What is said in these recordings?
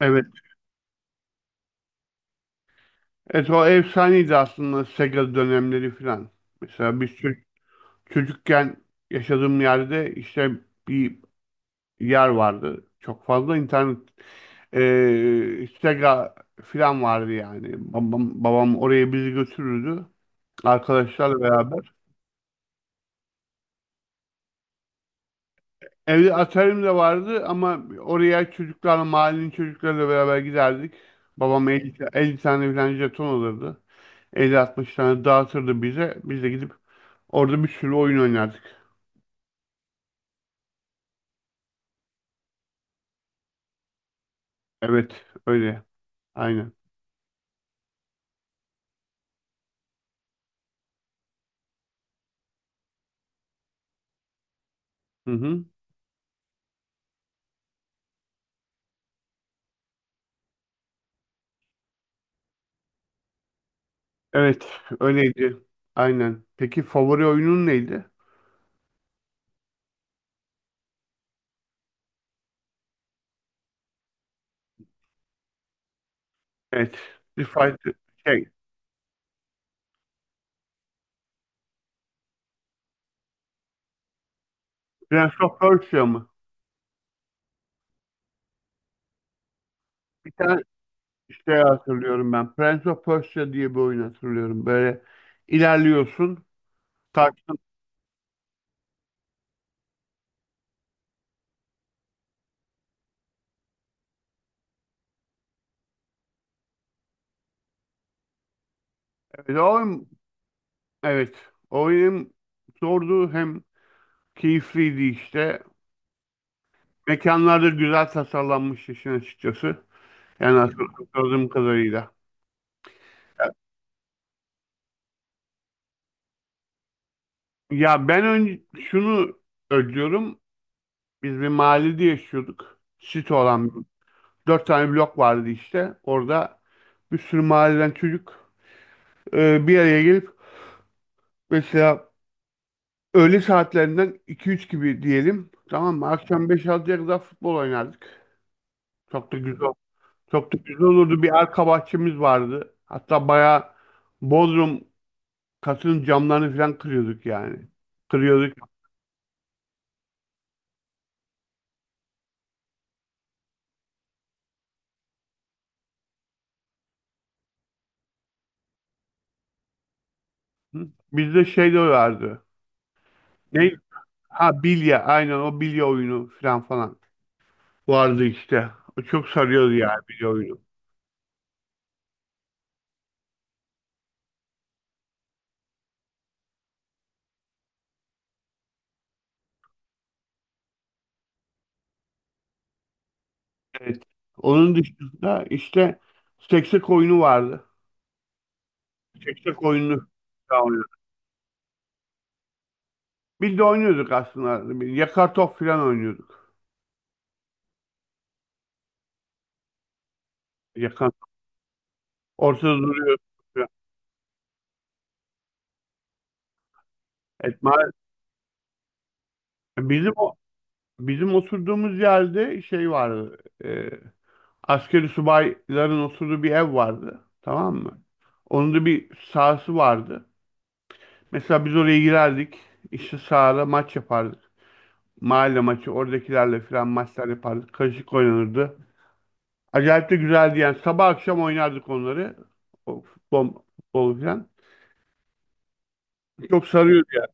Evet. Evet, o efsaneydi aslında Sega dönemleri falan. Mesela biz çocukken yaşadığım yerde işte bir yer vardı. Çok fazla internet, Sega falan vardı yani. Babam oraya bizi götürürdü, arkadaşlarla beraber. Evde Atari'm de vardı ama oraya çocuklarla, mahallenin çocuklarıyla beraber giderdik. Babam 50, 50 tane falan jeton alırdı. 50-60 tane dağıtırdı bize. Biz de gidip orada bir sürü oyun oynardık. Evet, öyle. Aynen. Hı hı. Evet, öyleydi. Aynen. Peki favori oyunun neydi? Evet. Street Fighter, şey, Prince of Persia mı? Bir tane hatırlıyorum ben. Prince of Persia diye bir oyun hatırlıyorum. Böyle ilerliyorsun. Takip. Evet, o oyun, evet. O oyun zordu, hem keyifliydi işte. Mekanlar da güzel tasarlanmıştı işin açıkçası. Yani hatırladığım kadarıyla. Ya ben şunu özlüyorum. Biz bir mahallede yaşıyorduk. Site olan 4 tane blok vardı işte. Orada bir sürü mahalleden çocuk bir araya gelip, mesela öğle saatlerinden 2-3 gibi diyelim. Tamam mı? Akşam 5 6'ya kadar futbol oynardık. Çok da güzel. Çok da güzel olurdu. Bir arka bahçemiz vardı. Hatta bayağı Bodrum katının camlarını falan kırıyorduk yani. Kırıyorduk. Hı? Bizde şey de vardı. Ne? Ha, bilye. Aynen, o bilye oyunu falan vardı işte. O çok sarıyordu yani, bilye oyunu. Evet. Onun dışında işte seksek oyunu vardı. Seksek oyunu da oynuyorduk. Biz de oynuyorduk aslında. Bir yakar top falan oynuyorduk. Yakar ortada duruyor. Evet, bizim o bizim oturduğumuz yerde şey vardı. E, Askeri subayların oturduğu bir ev vardı. Tamam mı? Onun da bir sahası vardı. Mesela biz oraya girerdik. İşte sahada maç yapardık. Mahalle maçı, oradakilerle falan maçlar yapardık. Karışık oynanırdı. Acayip de güzeldi yani. Sabah akşam oynardık onları. O futbol falan. Çok sarıyordu yani.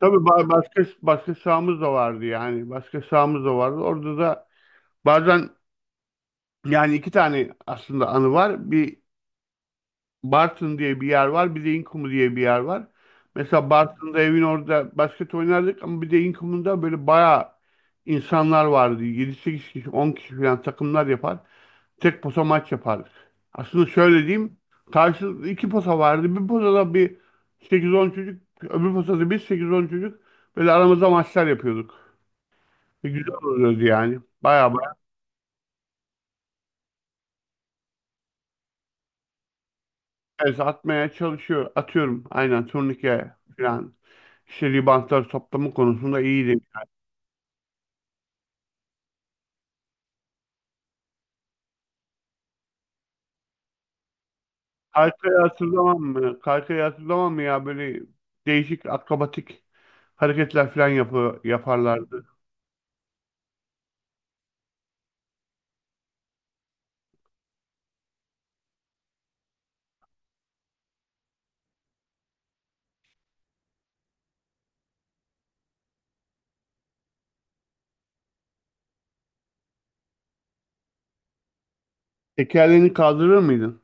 Tabii başka sahamız da vardı yani. Başka sahamız da vardı. Orada da bazen, yani iki tane aslında anı var. Bir Bartın diye bir yer var. Bir de İnkumu diye bir yer var. Mesela Bartın'da evin orada basket oynardık, ama bir de İnkumu'da böyle bayağı insanlar vardı. 7-8 kişi, 10 kişi falan takımlar yapar. Tek posa maç yapardık. Aslında şöyle diyeyim. Karşılıklı iki posa vardı. Bir posada bir 8-10 çocuk, öbür posada bir 8-10 çocuk. Böyle aramızda maçlar yapıyorduk. Ve güzel oluyordu yani. Bayağı. Evet, atmaya çalışıyor. Atıyorum, aynen, turnike falan. İşte ribantlar toplama konusunda iyiydi. Kaykayı hatırlamam mı? Kaykayı hatırlamam mı ya? Böyle değişik akrobatik hareketler falan yaparlardı. Tekerleğini kaldırır mıydın?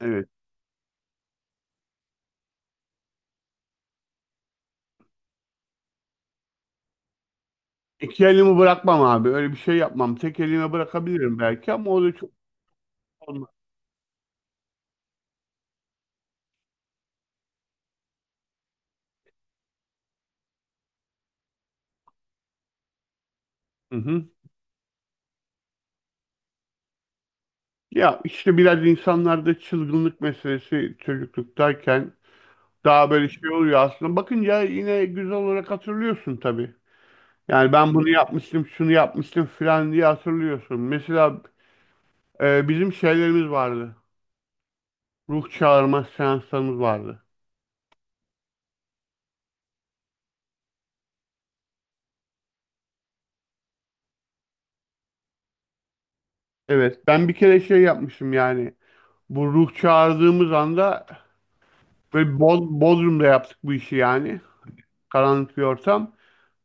Evet. İki elimi bırakmam abi. Öyle bir şey yapmam. Tek elime bırakabilirim belki, ama o da çok olmaz. Hı hı. Ya işte biraz insanlarda çılgınlık meselesi çocukluktayken daha böyle şey oluyor aslında. Bakınca yine güzel olarak hatırlıyorsun tabii. Yani ben bunu yapmıştım, şunu yapmıştım filan diye hatırlıyorsun. Mesela bizim şeylerimiz vardı. Ruh çağırma seanslarımız vardı. Evet, ben bir kere şey yapmıştım yani. Bu ruh çağırdığımız anda böyle Bodrum'da yaptık bu işi yani. Karanlık bir ortam.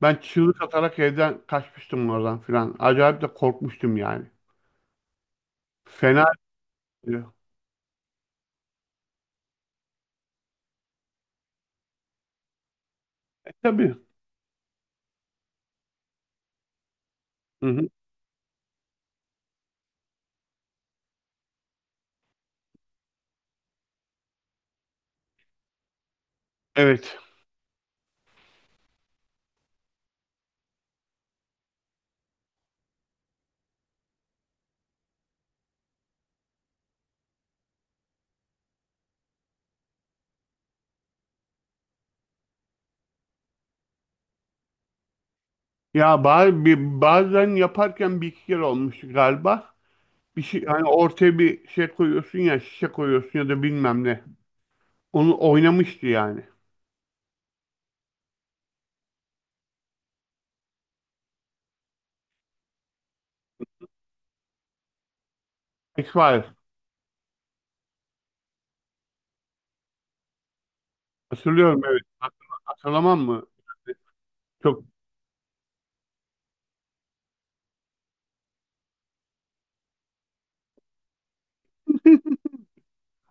Ben çığlık atarak evden kaçmıştım oradan filan. Acayip de korkmuştum yani. Fena. E, tabii. Hı hı. Evet. Ya bazen yaparken bir iki kere olmuştu galiba. Bir şey, hani ortaya bir şey koyuyorsun ya, şişe koyuyorsun ya da bilmem ne. Onu oynamıştı yani. X-Files. Hatırlıyorum, evet. Hatırlamam mı? Yani çok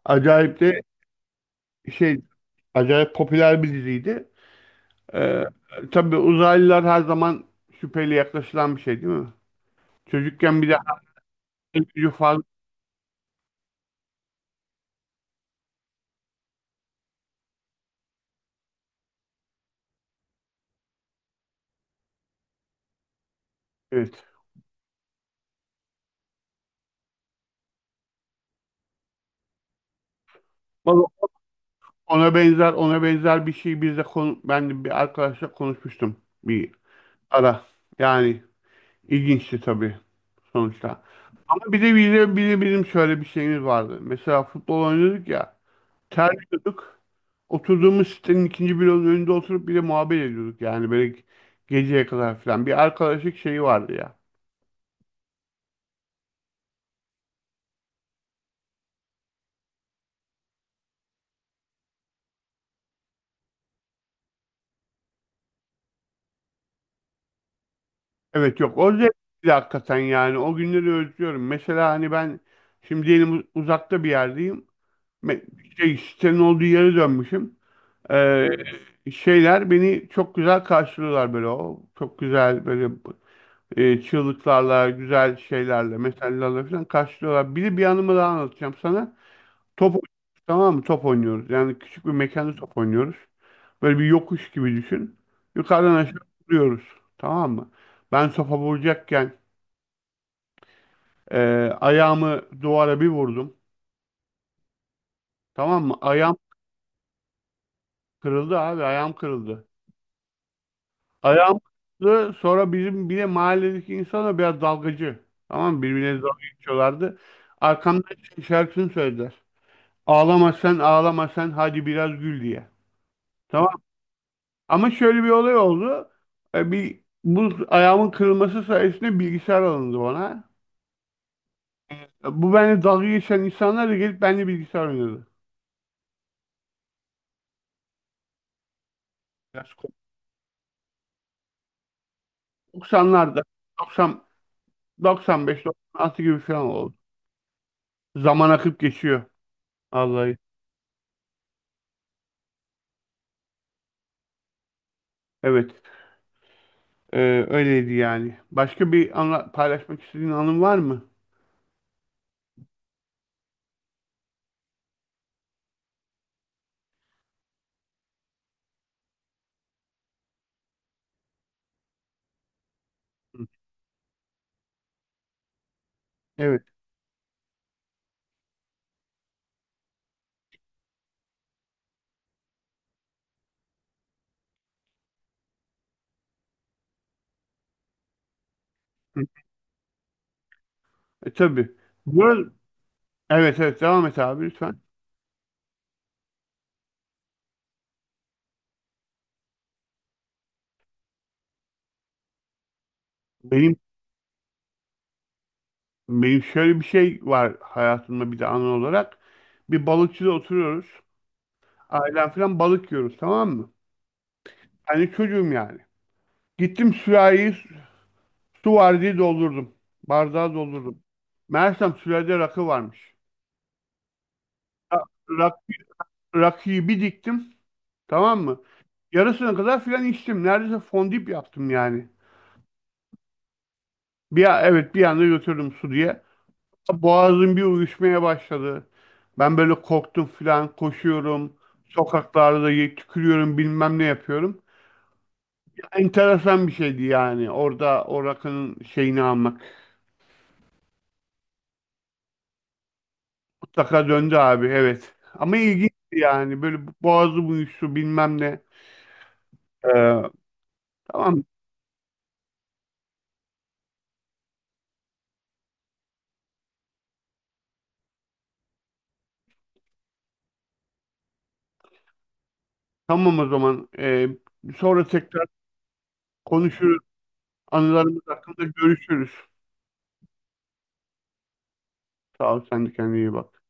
acayip de şey acayip popüler bir diziydi. Ee, tabii, uzaylılar her zaman şüpheyle yaklaşılan bir şey, değil mi? Çocukken bir de hayal gücü fazla. Evet. Vallahi, ona benzer, bir şey biz de ben de bir arkadaşla konuşmuştum. Bir ara. Yani ilginçti tabii sonuçta. Ama bir de bizim şöyle bir şeyimiz vardı. Mesela futbol oynuyorduk ya. Terliyorduk. Oturduğumuz sitenin ikinci bloğunun önünde oturup bir de muhabbet ediyorduk. Yani böyle geceye kadar falan. Bir arkadaşlık şeyi vardı ya. Evet, yok, o zevkli hakikaten yani. O günleri özlüyorum. Mesela hani ben şimdi diyelim uzakta bir yerdeyim. Me- sitenin olduğu yere dönmüşüm. Ee, Şeyler beni çok güzel karşılıyorlar, böyle o çok güzel, böyle çığlıklarla, güzel şeylerle, mesajlarla falan karşılıyorlar. Bir de bir anımı daha anlatacağım sana. Top oynuyoruz, tamam mı? Top oynuyoruz. Yani küçük bir mekanda top oynuyoruz. Böyle bir yokuş gibi düşün. Yukarıdan aşağı vuruyoruz. Tamam mı? Ben topa vuracakken e, ayağımı duvara bir vurdum. Tamam mı? Ayağım kırıldı abi. Ayağım kırıldı. Ayağımızı sonra, bizim bir de mahalledeki insanlar biraz dalgacı. Tamam mı? Birbirine dalga geçiyorlardı. Arkamdan şey şarkısını söylediler. "Ağlama sen, ağlama sen, hadi biraz gül" diye. Tamam. Ama şöyle bir olay oldu. E, bir Bu ayağımın kırılması sayesinde bilgisayar alındı bana. Bu benimle dalga geçen insanlar da gelip benimle bilgisayar oynadı. Biraz komik. 90'larda, 90, 95, 96 gibi falan oldu. Zaman akıp geçiyor. Vallahi. Evet. Öyleydi yani. Başka bir anla paylaşmak istediğin anın var mı? Hı, evet. Hı. Tabii. Bu, evet, evet, devam et abi lütfen. Benim, şöyle bir şey var hayatımda bir de anı olarak. Bir balıkçıda oturuyoruz. Ailem falan balık yiyoruz, tamam mı? Hani çocuğum yani. Gittim sürahiyi, su var diye doldurdum. Bardağı doldurdum. Meğersem sürahide rakı varmış. Rakı Rakibi diktim. Tamam mı? Yarısına kadar filan içtim. Neredeyse fondip yaptım yani. Evet, bir anda götürdüm, su diye. Boğazım bir uyuşmaya başladı. Ben böyle korktum filan, koşuyorum. Sokaklarda tükürüyorum, bilmem ne yapıyorum. Enteresan bir şeydi yani. Orada o rakının şeyini almak. Mutlaka döndü abi, evet. Ama ilginçti yani. Böyle boğazım uyuştu, bilmem ne. Ee, tamam. Tamam o zaman. Sonra tekrar konuşuruz. Anılarımız hakkında görüşürüz. Sağ ol, sen de kendine iyi bak.